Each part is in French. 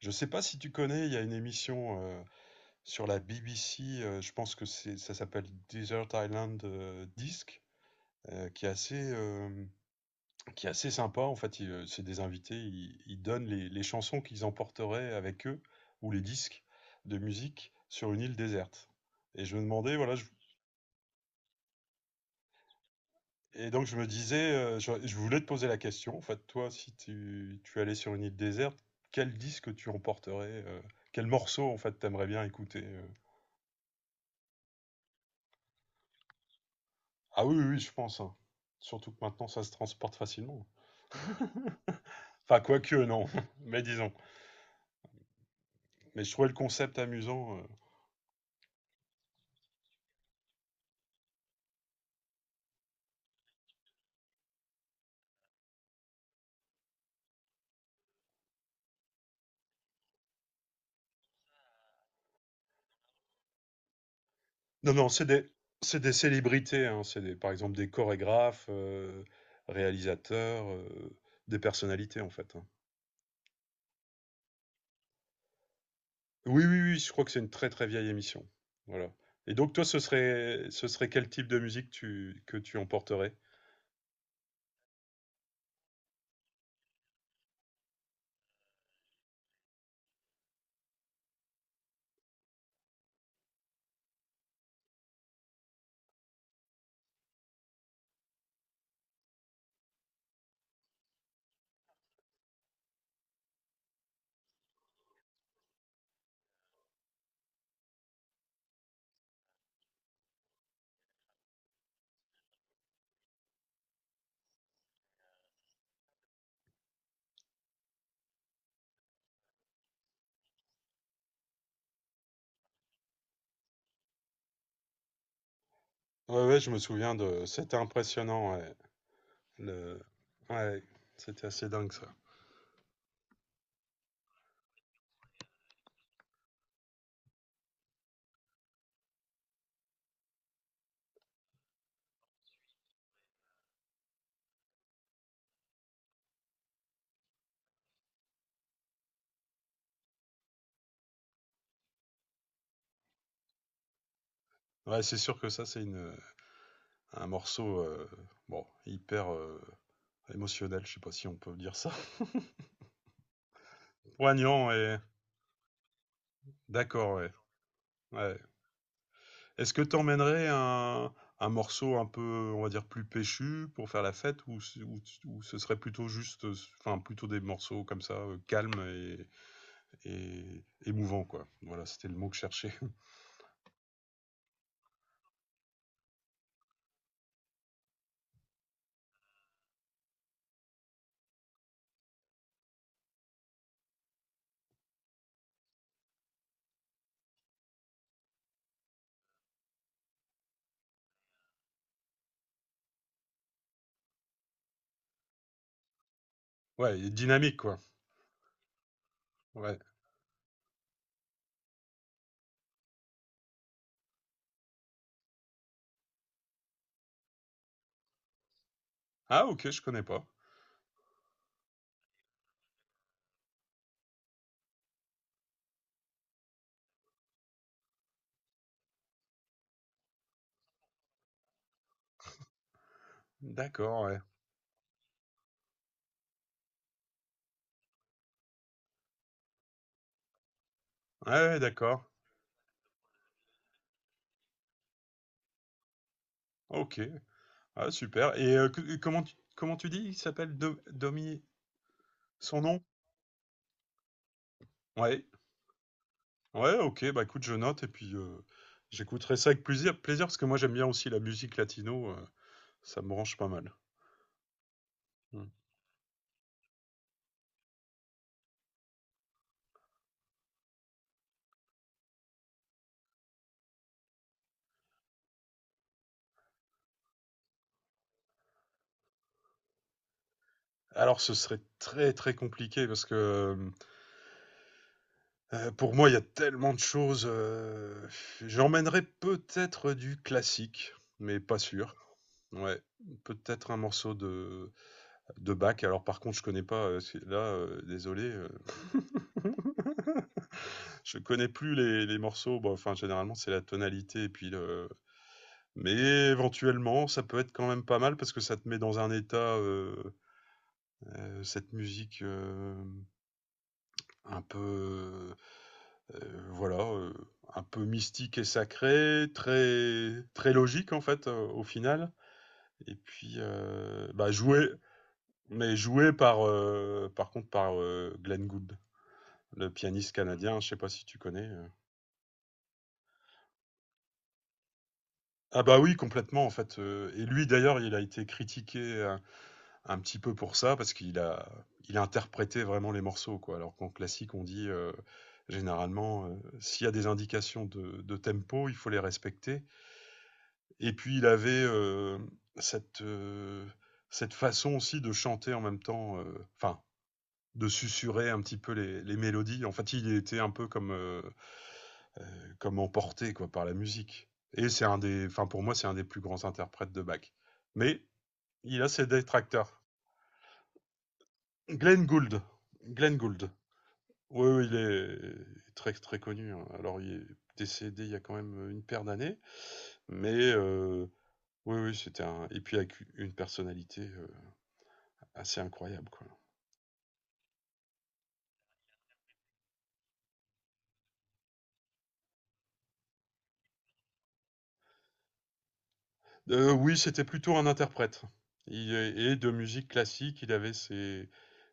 Je sais pas si tu connais, il y a une émission sur la BBC. Je pense que c'est, ça s'appelle Desert Island Disc, euh, qui est assez, euh, qui est assez sympa. En fait, il, c'est des invités, ils donnent les chansons qu'ils emporteraient avec eux, ou les disques de musique, sur une île déserte. Et je me demandais, voilà, et donc je me disais, je voulais te poser la question, en fait, toi, si tu allais sur une île déserte, quel disque tu emporterais, quel morceau, en fait, t'aimerais bien écouter? Ah oui, oui, oui, je pense, hein. Surtout que maintenant, ça se transporte facilement. Enfin, quoique, non. Mais disons. Mais je trouvais le concept amusant. Non, non, c'est des célébrités, hein. C'est des, par exemple des chorégraphes, réalisateurs, des personnalités, en fait, hein. Oui, oui, oui, je crois que c'est une très, très vieille émission. Voilà. Et donc, toi, ce serait quel type de musique tu, que tu emporterais? Ouais, ouais, je me souviens de... C'était impressionnant, ouais. Le... Ouais, c'était assez dingue, ça. Ouais, c'est sûr que ça, c'est une... un morceau bon, hyper émotionnel, je sais pas si on peut dire ça. Poignant et d'accord, ouais. Ouais. Est-ce que t'emmènerais un morceau un peu, on va dire, plus péchu pour faire la fête ou, ou ce serait plutôt juste, enfin, plutôt des morceaux comme ça, calmes et émouvants, quoi. Voilà, c'était le mot que je cherchais. Ouais, et dynamique, quoi. Ouais. Ah, ok, je connais pas. D'accord, ouais. Ouais, ouais, d'accord. Ok. Ah, super. Et que- comment tu dis? Il s'appelle Do- Domi, Son nom? Ouais. Ouais, OK, bah, écoute, je note et puis, j'écouterai ça avec plusi plaisir parce que moi j'aime bien aussi la musique latino, ça me branche pas mal. Mmh. Alors ce serait très, très compliqué parce que, pour moi il y a tellement de choses, j'emmènerais peut-être du classique, mais pas sûr. Ouais, peut-être un morceau de Bach. Alors par contre, je connais pas, c'est là, désolé, je connais plus les morceaux, bah, enfin généralement c'est la tonalité et puis le Mais éventuellement, ça peut être quand même pas mal parce que ça te met dans un état, cette musique, un peu, voilà, un peu mystique et sacrée, très très logique en fait, au final. Et puis, bah, joué, mais joué par, par contre par, Glenn Gould, le pianiste Mmh. canadien, je sais pas si tu connais, Ah bah, oui complètement en fait, et lui d'ailleurs il a été critiqué un petit peu pour ça, parce qu'il a il a interprété vraiment les morceaux, quoi. Alors qu'en classique, on dit, généralement, s'il y a des indications de tempo, il faut les respecter et puis il avait, cette, cette façon aussi de chanter en même temps, enfin, de susurrer un petit peu les mélodies. En fait, il était un peu comme, comme emporté, quoi, par la musique et c'est un des enfin, pour moi, c'est un des plus grands interprètes de Bach. Mais il a ses détracteurs. Glenn Gould, Glenn Gould. Oui, oui, il est très, très connu, hein. Alors il est décédé il y a quand même, une paire d'années, mais oui, oui, c'était un et puis avec une personnalité, assez incroyable, quoi. Oui, c'était plutôt un interprète. Il est et de musique classique, il avait ses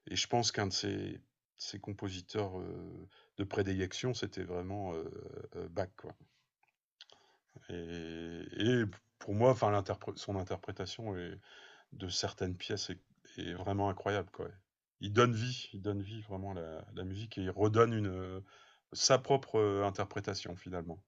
et je pense qu'un de ses ses compositeurs, de prédilection, c'était vraiment, Bach, quoi et pour moi, enfin l'interpré son interprétation est de certaines pièces est, est vraiment incroyable, quoi. Il donne vie vraiment à la, la musique et il redonne une, sa propre interprétation finalement.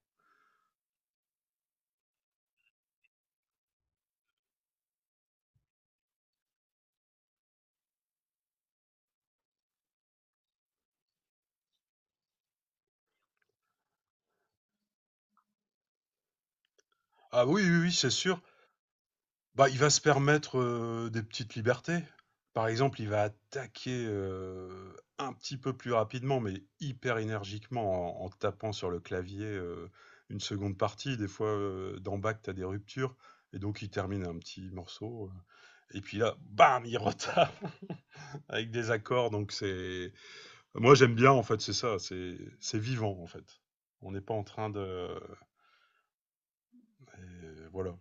Ah oui, oui, oui, c'est sûr. Bah, il va se permettre des petites libertés. Par exemple, il va attaquer un petit peu plus rapidement, mais hyper énergiquement en, en tapant sur le clavier une seconde partie. Des fois, dans Bach, tu as des ruptures, et donc il termine un petit morceau, et puis là, bam, il retape. Avec des accords. Donc c'est, moi j'aime bien en fait, c'est ça, c'est vivant en fait. On n'est pas en train de, et voilà.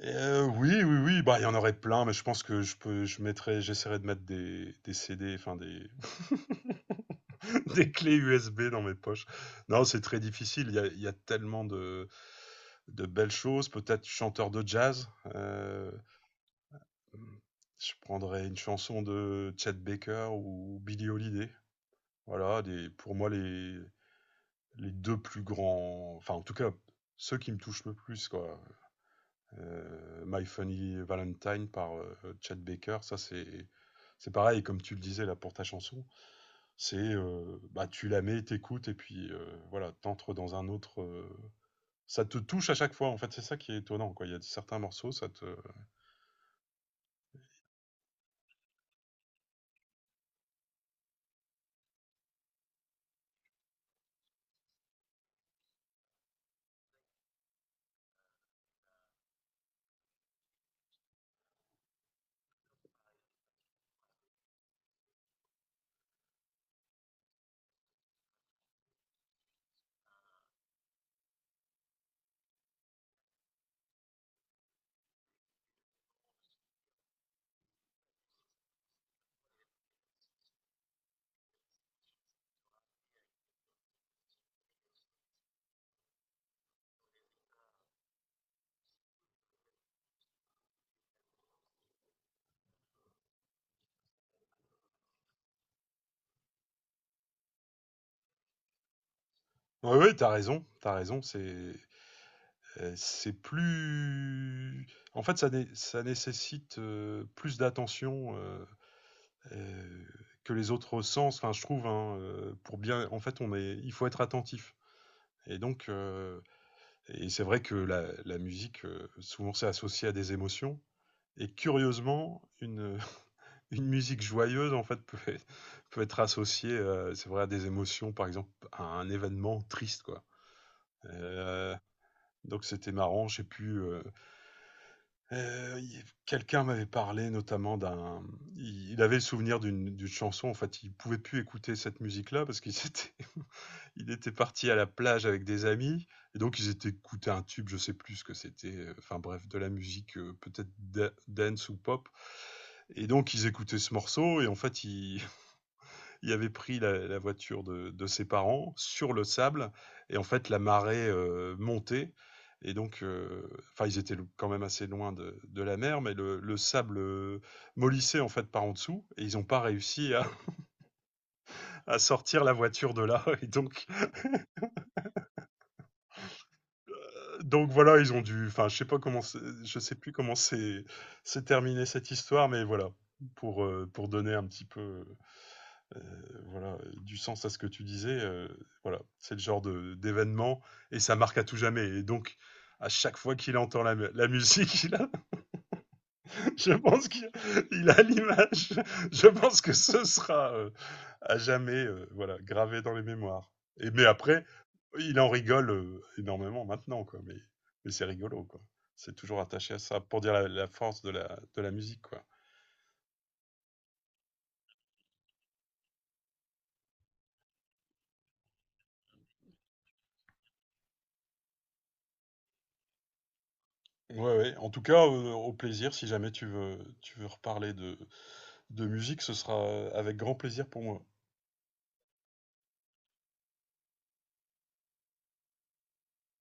Et, oui, oui, oui, bah il y en aurait plein, mais je pense que je peux, je mettrai, j'essaierai de mettre des CD, enfin des, des clés USB dans mes poches. Non, c'est très difficile. Il y a tellement de belles choses. Peut-être chanteur de jazz. euh, je prendrais une chanson de Chet Baker ou Billie Holiday. Voilà, des, pour moi les deux plus grands, enfin en tout cas ceux qui me touchent le plus quoi. My Funny Valentine par Chad Baker, ça c'est pareil comme tu le disais là pour ta chanson, c'est bah tu la mets, t'écoutes et puis voilà t'entres dans un autre. Ça te touche à chaque fois en fait c'est ça qui est étonnant quoi. Il y a certains morceaux ça te. Oui, oui, t'as raison, c'est plus en fait, ça, ça nécessite plus d'attention euh, que les autres sens. Enfin, je trouve, hein, pour bien, en fait, on est, il faut être attentif. Et donc, et c'est vrai que la musique, souvent, c'est associé à des émotions. Et curieusement, une, une musique joyeuse, en fait, peut être associée, c'est vrai, à des émotions, par exemple, à un événement triste, quoi. Euh, donc c'était marrant, je sais plus, il quelqu'un m'avait parlé notamment d'un il avait le souvenir d'une d'une chanson, en fait, il pouvait plus écouter cette musique-là parce qu'il étaient il était parti à la plage avec des amis et donc ils étaient écoutés un tube, je sais plus ce que c'était, enfin bref, de la musique, peut-être da dance ou pop et donc ils écoutaient ce morceau et en fait, ils il avait pris la, la voiture de ses parents sur le sable et en fait la marée montait et donc enfin ils étaient quand même assez loin de la mer mais le sable mollissait en fait par en dessous et ils n'ont pas réussi à, à sortir la voiture de là et donc voilà ils ont dû enfin je sais pas comment c'est- je sais plus comment c'est terminé cette histoire mais voilà pour donner un petit peu voilà, du sens à ce que tu disais. Voilà, c'est le genre de- d'événement et ça marque à tout jamais. Et donc, à chaque fois qu'il entend la, mu- la musique, il a- je pense qu'il il a l'image. Je pense que ce sera à jamais voilà, gravé dans les mémoires. Et mais après, il en rigole énormément maintenant, quoi. Mais c'est rigolo, quoi. C'est toujours attaché à ça pour dire la, la force de la musique, quoi. Ouais, ouais. En tout cas, au plaisir, si jamais tu veux, tu veux reparler de musique, ce sera avec grand plaisir pour moi.